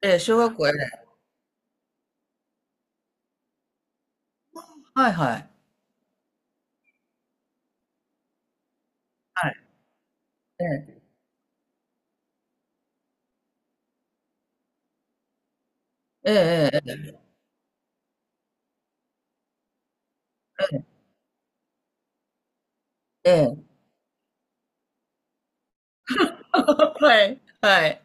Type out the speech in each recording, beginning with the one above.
ええ、小学校、ええ。はいはい。はい。ええ。ええええええ。ええ。はい、はい。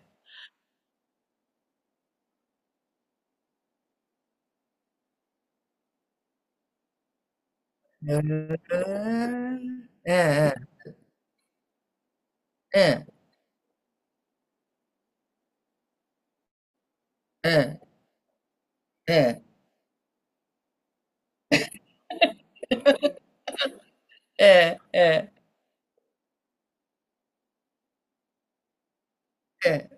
へえ。ええええ。ええええ。ええええ。ええ。ええ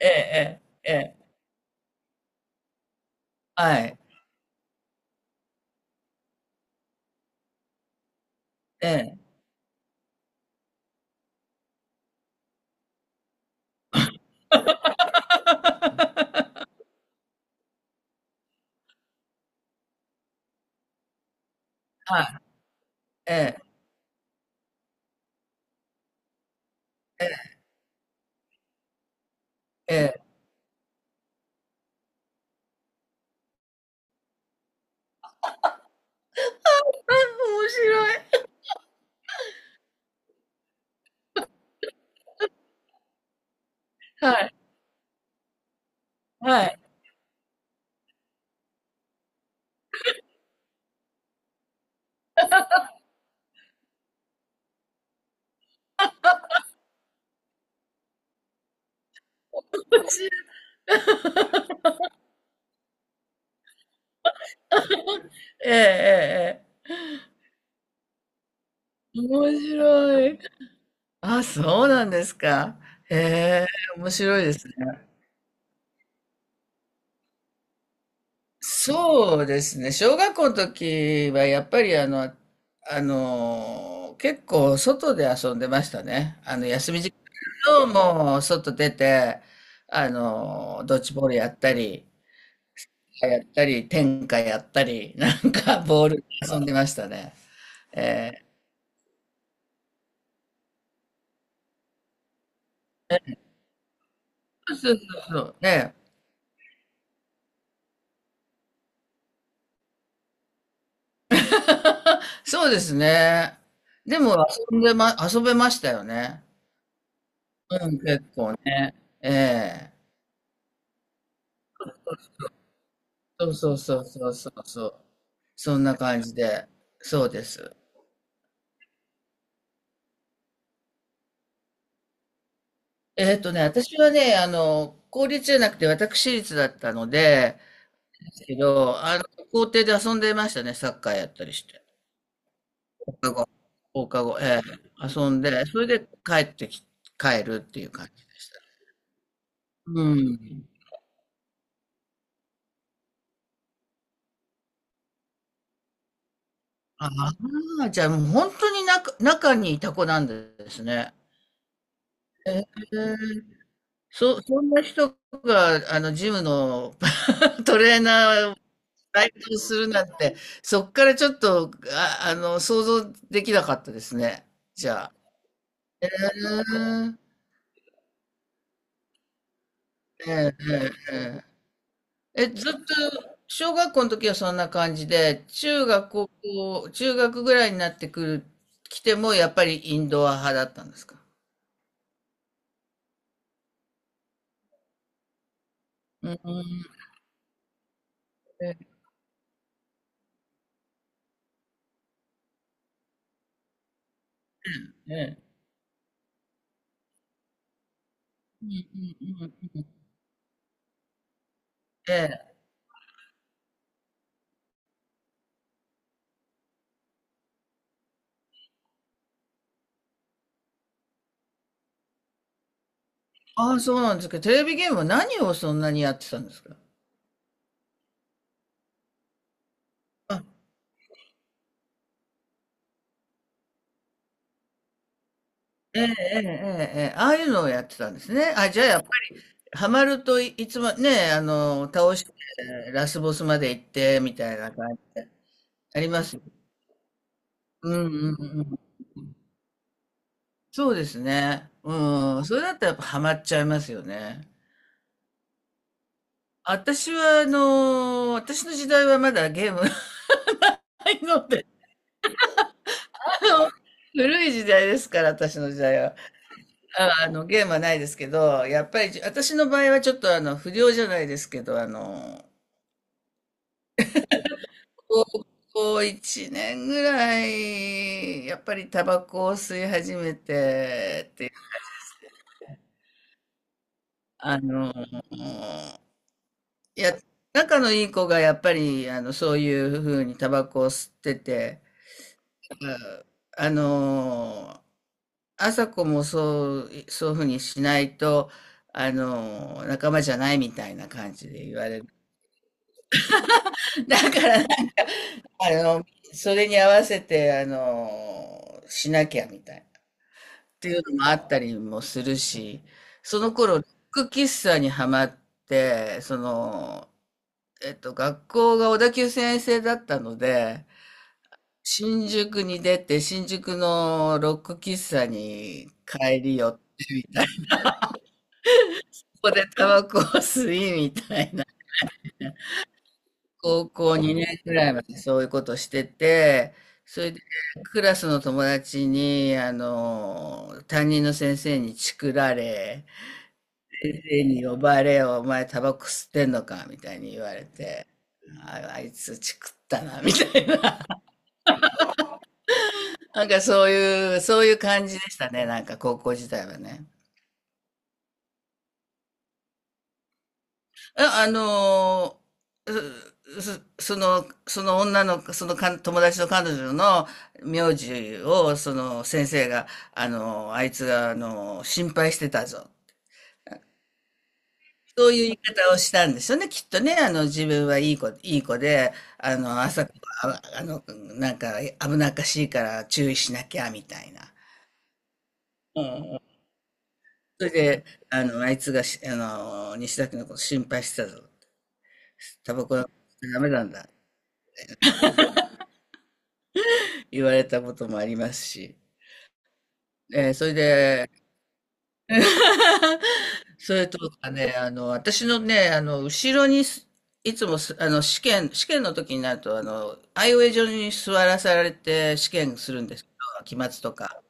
ええ。ええ。はい。ええ。はい。ええ。ええええ。あ、面白い。はい。はい。面白い。ええええええ。面白い。あ、そうなんですか。へえ、面白いですね。そうですね。小学校の時はやっぱり結構外で遊んでましたね。休み時間も外出て、ドッジボールやったり、やったり、天下やったり、なんかボールで遊んでましたね。えー、そうそうそうそう。ね、そうですね。でも遊べましたよね。うん、結構ね。ええ、そうそうそうそうそうそう。そんな感じで、そうです。えっとね、私はね、公立じゃなくて私立だったので、ですけど、校庭で遊んでましたね、サッカーやったりして。放課後、放課後、ええ、遊んで、それで帰ってき、帰るっていう感じでした。うん。ああ、じゃあもう本当に中にいた子なんですね。ええ、そんな人が、あの、ジムの トレーナー該当するなんて、そっからちょっと、想像できなかったですね。じゃあ。うーん。ええ、ええ、ええ。え、ずっと、小学校の時はそんな感じで、中学ぐらいになってくる、来ても、やっぱりインドア派だったんですか？うん。ええ、ええ。うんうんうん。ええ。ああ、そうなんですか。テレビゲームは何をそんなにやってたんですか？あ、ええ、ええ、ええ、ええ、ああいうのをやってたんですね。あ、じゃあ、ハマるとい、いつもね、あの、倒して、ラスボスまで行って、みたいな感じで、あります。うんうんうん。そうですね。うん。それだったらやっぱハマっちゃいますよね。私は、あの、私の時代はまだゲームがないので、あの、古い時代ですから、私の時代は。あ、あの、ゲームはないですけど、やっぱり、私の場合はちょっとあの、不良じゃないですけど、あの、高校1年ぐらい、やっぱりタバコを吸い始めてって、あの、いや、仲のいい子がやっぱり、あの、そういうふうにタバコを吸ってて、あ、あの、朝子もそう、そういうふうにしないと、あの、仲間じゃないみたいな感じで言われる。だから、あの、それに合わせて、あの、しなきゃみたいな。っていうのもあったりもするし、その頃、ロック喫茶にはまって、その、えっと、学校が小田急線制だったので、新宿に出て、新宿のロック喫茶に帰り寄ってみたいな。ここでタバコを吸いみたいな。高校2年くらいまでそういうことしてて、それでクラスの友達に、あの、担任の先生にチクられ、先生に呼ばれよ、お前タバコ吸ってんのかみたいに言われて、あ、あいつチクったな、みたいな。なんかそういう、そういう感じでしたね、なんか高校時代はね。あ、ーその女の、そのか友達の彼女の名字を、その先生が、あのあいつが、あの心配してたぞ。そういう言い方をしたんですよね、きっとね。あの、自分はいい子、いい子で、あの、朝から、あ、あの、なんか危なっかしいから注意しなきゃ、みたいな。うんうん。それで、あの、あいつがし、あの、西崎のこと心配してたぞ。タバコはダメなんだ。言われたこともありますし。えー、それで、それとかね、あの、私のね、あの、後ろにす、いつもす、あの、試験の時になると、あの、アイウェイ上に座らされて試験するんですけど、期末とか。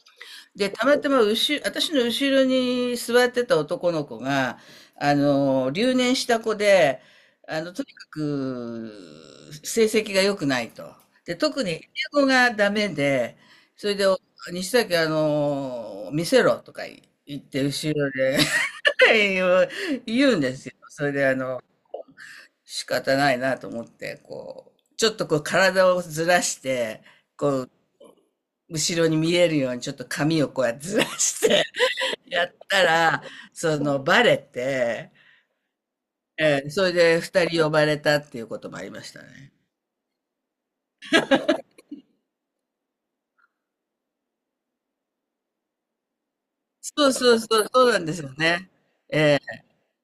で、たまたま、私の後ろに座ってた男の子が、あの、留年した子で、あの、とにかく、成績が良くないと。で、特に英語がダメで、それで、西崎、あの、見せろとか言って、後ろで、いを言うんですよ。それで、あの、仕方ないなと思って、こう、ちょっとこう体をずらして、こう、後ろに見えるようにちょっと髪をこうやってずらして やったら、その、バレて、ええ、それで二人呼ばれたっていうこともありましたね。そうそうそう、そうなんですよね。ええ、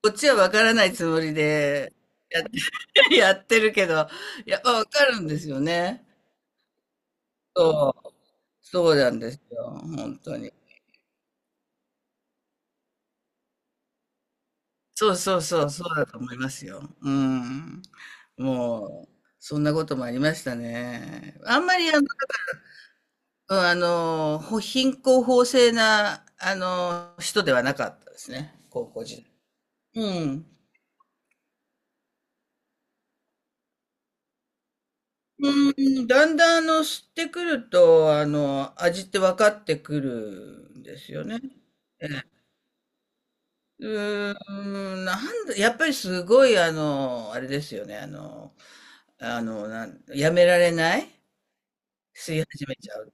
こっちはわからないつもりで、やって やってるけど、やっぱわかるんですよね。そう。そうなんですよ、本当に。そうそうそう、そうだと思いますよ。うん。もう、そんなこともありましたね。あんまりあの、うん、あの、ほ貧困法制な、あの、人ではなかったですね、高校時代。うん。うん、だんだんあの、知ってくると、あの、味って分かってくるんですよね。うーん、なんだ、やっぱりすごい、あの、あれですよね、なん、やめられない吸い始めちゃう。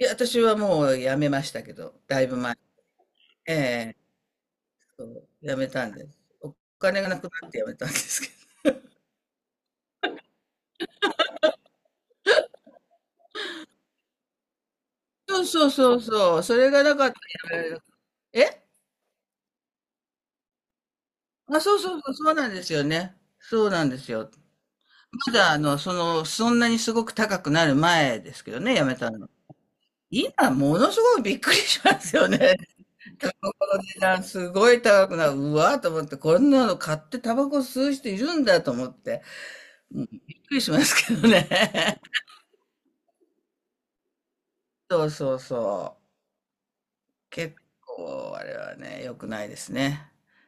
いや、私はもう辞めましたけど、だいぶ前。ええ、そう、辞めたんです。お金がなくなって辞めたんですけど。そうそうそうそう、それがなかったら辞められな、え？あ、そうそうそう、そうなんですよね。そうなんですよ。まだあの、その、そんなにすごく高くなる前ですけどね、辞めたの。今ものすごいびっくりしますよね。この値段すごい高くなる。うわーと思って、こんなの買ってタバコ吸う人いるんだと思って、うん、びっくりしますけどね。そうそうそう。結構あれはね、良くないですね。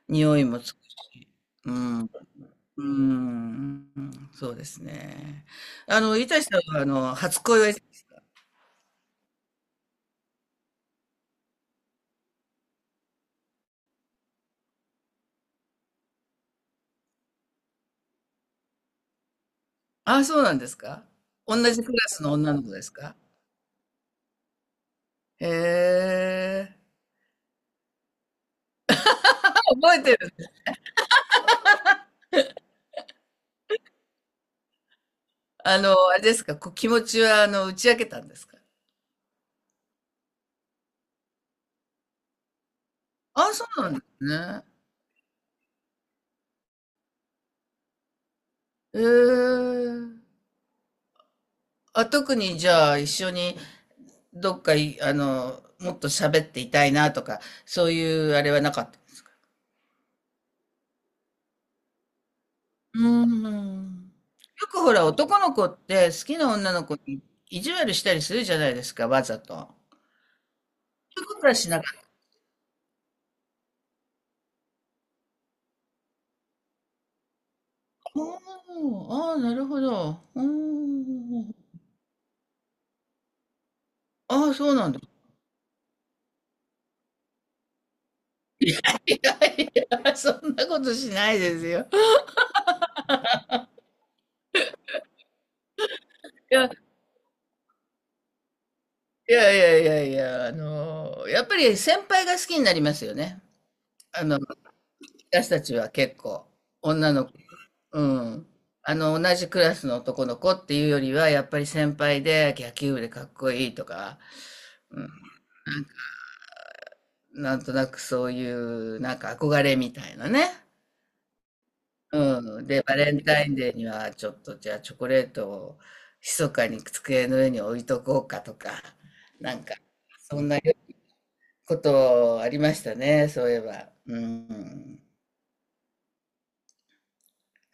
匂いもつくし。うん。うーん。そうですね。あの、いたしさんは、あの、初恋は？ああ、そうなんですか。同じクラスの女の子ですか？へえ。あ、覚えてる。あの、あれですか、こう気持ちは、あの、打ち明けたんですか？ああ、そうなんですね。へえ。あ、特にじゃあ、一緒にどっかい、あの、もっと喋っていたいなとか、そういうあれはなかった。うーん。よくほら、男の子って好きな女の子に意地悪したりするじゃないですか、わざと。そういうことはしなかった。あああ、なるほど。うーん。ああ、そうなんだ。いやいそんなことしないですよ。いや、いあのー、やっぱり先輩が好きになりますよね。あの、私たちは結構、女の子、うん。あの、同じクラスの男の子っていうよりは、やっぱり先輩で野球部でかっこいいとか、うん、なんとなくそういうなんか憧れみたいなね。うん。で、バレンタインデーにはちょっとじゃあチョコレートを密かに机の上に置いとこうかとか、なんかそんなことありましたね、そういえば。うん。